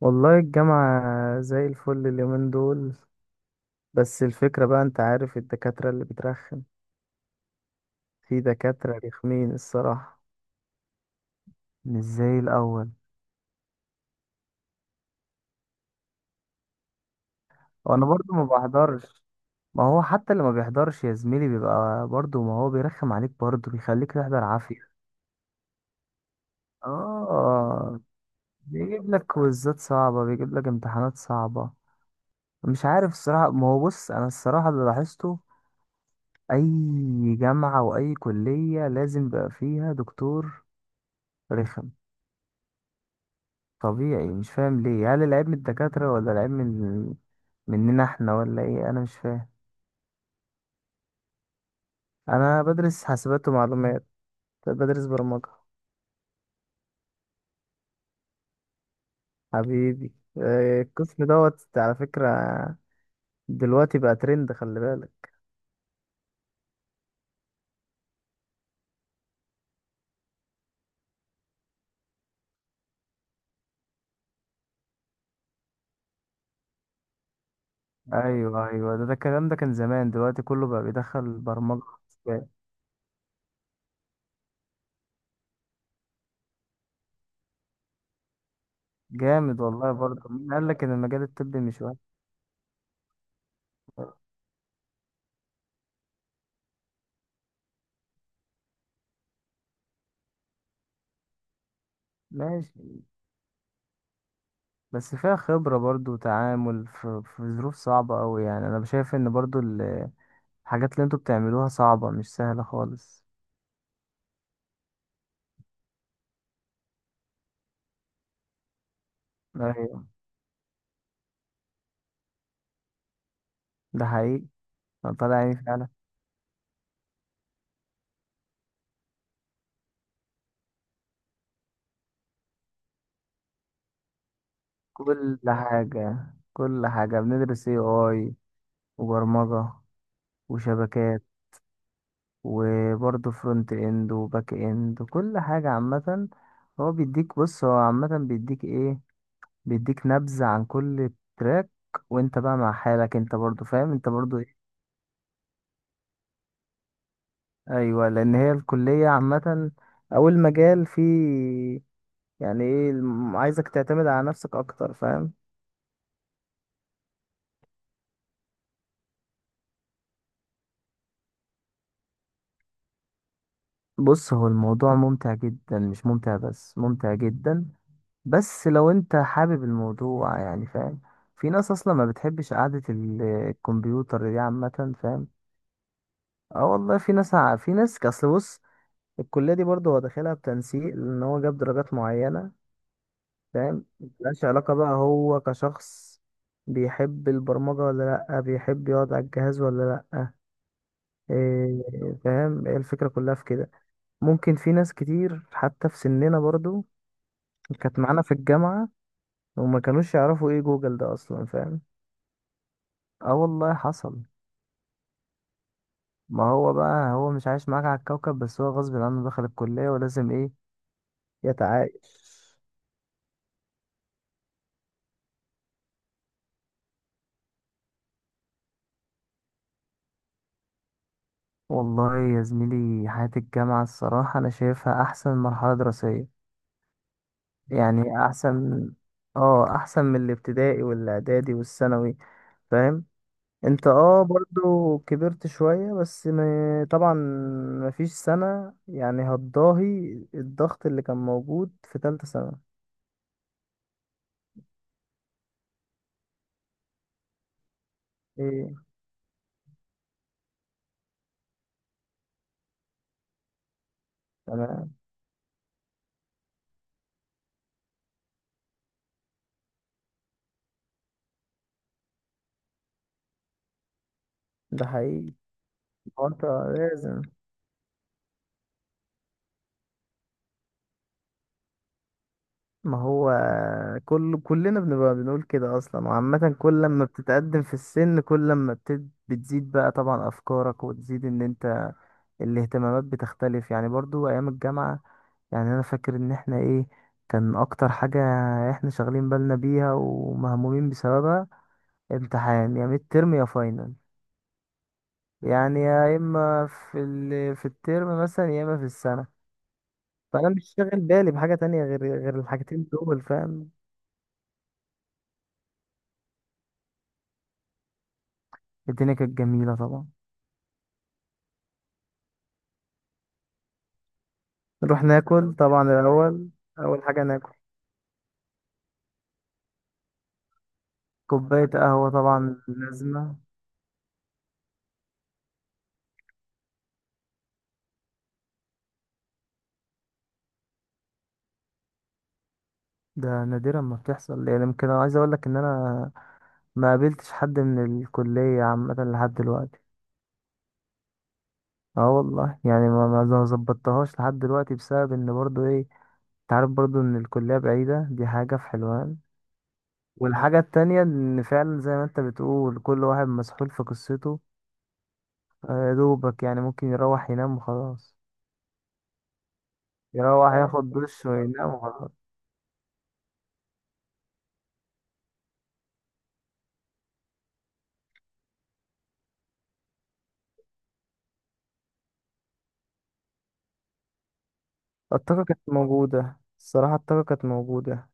والله الجامعة زي الفل اليومين دول. بس الفكرة بقى، انت عارف الدكاترة اللي بترخم، في دكاترة رخمين الصراحة. مش زي الأول. وأنا برضو ما بحضرش. ما هو حتى اللي ما بيحضرش يا زميلي بيبقى برضو، ما هو بيرخم عليك برضو، بيخليك تحضر عافية. اه، بيجيب لك كويزات صعبة، بيجيب لك امتحانات صعبة. مش عارف الصراحة، ما هو بص، أنا الصراحة اللي لاحظته، أي جامعة وأي كلية لازم بقى فيها دكتور رخم. طبيعي، مش فاهم ليه، هل العيب من الدكاترة ولا العيب من مننا احنا ولا ايه؟ انا مش فاهم. انا بدرس حاسبات ومعلومات، بدرس برمجة. حبيبي، القسم دوت على فكرة. دلوقتي بقى ترند، خلي بالك. ايوه ايوه، ده الكلام ده كان زمان، دلوقتي كله بقى بيدخل برمجة حاسبات. جامد والله، برضه مين قال لك ان المجال الطبي مش وحش؟ ماشي، بس فيها خبرة برضه وتعامل في ظروف صعبة أوي، يعني أنا شايف إن برضه الحاجات اللي انتوا بتعملوها صعبة، مش سهلة خالص. ايوه، ده حقيقي، أنا طالع عيني فعلا. كل حاجة، كل حاجة بندرس، اي اي، وبرمجة، وشبكات، وبرضه فرونت اند وباك اند، كل حاجة عامة. هو بيديك، بص هو عامة بيديك ايه، بيديك نبذة عن كل تراك، وانت بقى مع حالك، انت برضه فاهم، انت برضه ايه. ايوه، لان هي الكلية عامة، او المجال فيه يعني ايه، عايزك تعتمد على نفسك اكتر، فاهم. بص، هو الموضوع ممتع جدا، مش ممتع بس، ممتع جدا. بس لو انت حابب الموضوع، يعني فاهم، في ناس اصلا ما بتحبش قعدة الكمبيوتر دي عامة، فاهم. اه والله، في ناس في ناس اصل، بص، الكلية دي برضه هو داخلها بتنسيق، لان هو جاب درجات معينة، فاهم. ملهاش علاقة بقى، هو كشخص بيحب البرمجة ولا لأ، بيحب يقعد على الجهاز ولا لأ. إيه، فاهم، هي الفكرة كلها في كده. ممكن في ناس كتير حتى في سننا برضو كانت معانا في الجامعة، وما كانوش يعرفوا ايه جوجل ده اصلا، فاهم. اه والله، حصل. ما هو بقى، هو مش عايش معاك على الكوكب، بس هو غصب عنه دخل الكلية ولازم ايه يتعايش. والله يا زميلي، حياة الجامعة الصراحة أنا شايفها أحسن مرحلة دراسية. يعني أحسن، اه، أحسن من الابتدائي والإعدادي والثانوي، فاهم. انت اه برضو كبرت شوية، بس ما طبعا مفيش سنة يعني هتضاهي الضغط اللي كان موجود في تالتة سنة. ايه. تمام. ده حقيقي. هو انت لازم، ما هو كلنا بنبقى بنقول كده اصلا، وعامة كل لما بتتقدم في السن، كل لما بتزيد بقى طبعا افكارك، وتزيد ان انت الاهتمامات بتختلف. يعني برضو ايام الجامعة، يعني انا فاكر ان احنا ايه، كان اكتر حاجة احنا شغالين بالنا بيها ومهمومين بسببها، امتحان يا ميد ترم يا فاينل. يعني يا اما في في الترم مثلا، يا اما في السنة. فانا مش شاغل بالي بحاجة تانية غير الحاجتين دول، فاهم. الدنيا كانت جميلة طبعا. نروح ناكل طبعا الاول، اول حاجة ناكل، كوباية قهوة طبعا لازمة. ده نادرا ما بتحصل، يعني يمكن انا عايز اقول لك ان انا ما قابلتش حد من الكلية عامة لحد دلوقتي. اه والله، يعني ما ظبطتهاش لحد دلوقتي بسبب ان برضو ايه، انت عارف برضو ان الكلية بعيدة، دي حاجة في حلوان. والحاجة التانية ان فعلا زي ما انت بتقول، كل واحد مسحول في قصته. يا دوبك يعني ممكن يروح ينام وخلاص. يروح اه ياخد دش وينام وخلاص. الطاقة كانت موجودة الصراحة، الطاقة كانت موجودة.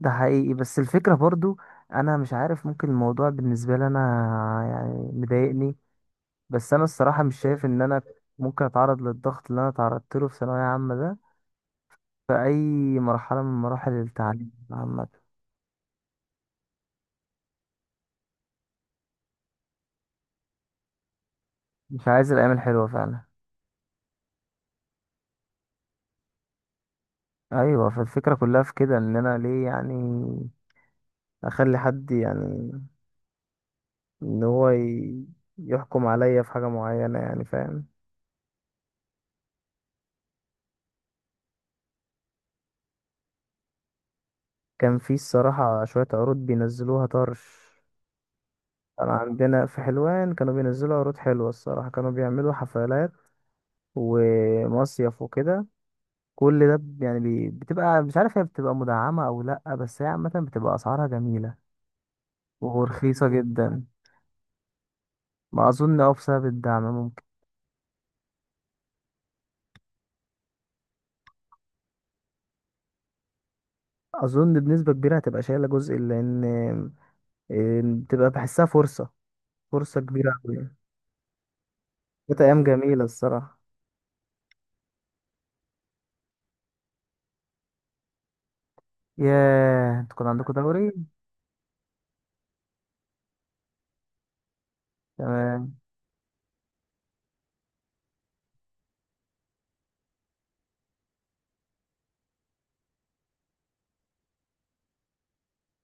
ده حقيقي، بس الفكرة برضو انا مش عارف، ممكن الموضوع بالنسبة لي انا يعني مضايقني. بس انا الصراحه مش شايف ان انا ممكن اتعرض للضغط اللي انا تعرضت له في ثانويه عامه ده في اي مرحله من مراحل التعليم عامه. مش عايز الايام الحلوه فعلا. ايوه، فالفكره كلها في كده، ان انا ليه يعني اخلي حد يعني ان هو يحكم عليا في حاجه معينه، يعني فاهم. كان في الصراحه شويه عروض بينزلوها طرش. كان عندنا في حلوان كانوا بينزلوا عروض حلوه الصراحه، كانوا بيعملوا حفلات ومصيف وكده. كل ده بتبقى مش عارف هي بتبقى مدعمة أو لأ، بس هي عامة بتبقى أسعارها جميلة ورخيصة جدا. ما أظن أه بسبب الدعم ممكن. أظن بنسبة كبيرة هتبقى شايلة جزء، لأن بتبقى بحسها فرصة، فرصة كبيرة أوي. كانت أيام جميلة الصراحة. ياه، انتوا كان عندكم دوري؟ تمام.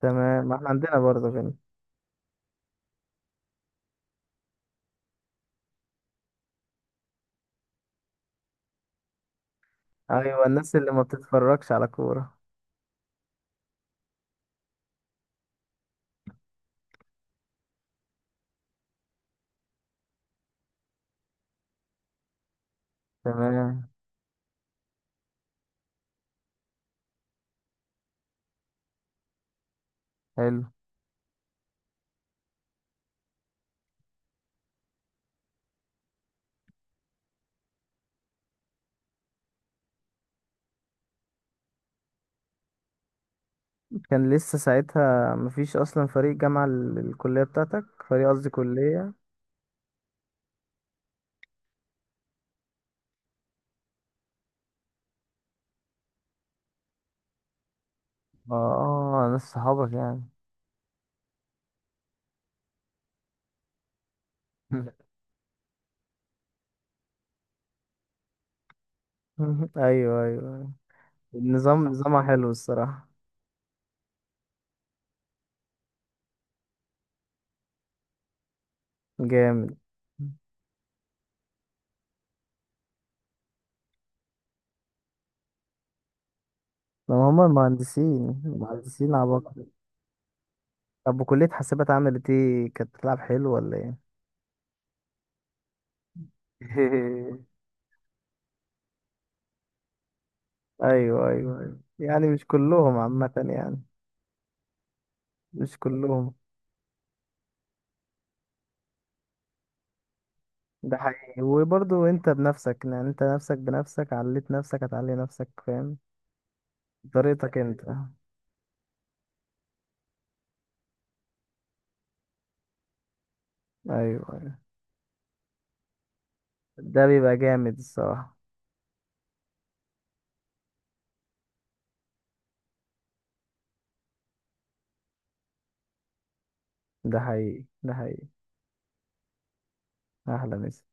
تمام، ما احنا عندنا برضه كده. أيوة، الناس اللي ما بتتفرجش على كورة. تمام. حلو. كان لسه ساعتها مفيش أصلا فريق جامعة، الكلية بتاعتك فريق، قصدي كلية. اه، ناس صحابك يعني. ايوه ايوه أيوة. النظام نظامها حلو الصراحة. جامد. ما هم المهندسين، المهندسين عباقرة. طب وكلية حاسبات عملت ايه؟ كانت بتلعب حلو ولا ايه؟ ايوه ايوه ايوه، يعني مش كلهم عامة يعني، مش كلهم. ده حقيقي، وبرضو انت بنفسك يعني، انت نفسك بنفسك عليت نفسك هتعلي نفسك، فاهم، بطريقتك انت. ايوه ايوه، ده بيبقى جامد الصراحة. ده حقيقي، ده حقيقي. احلى مسا.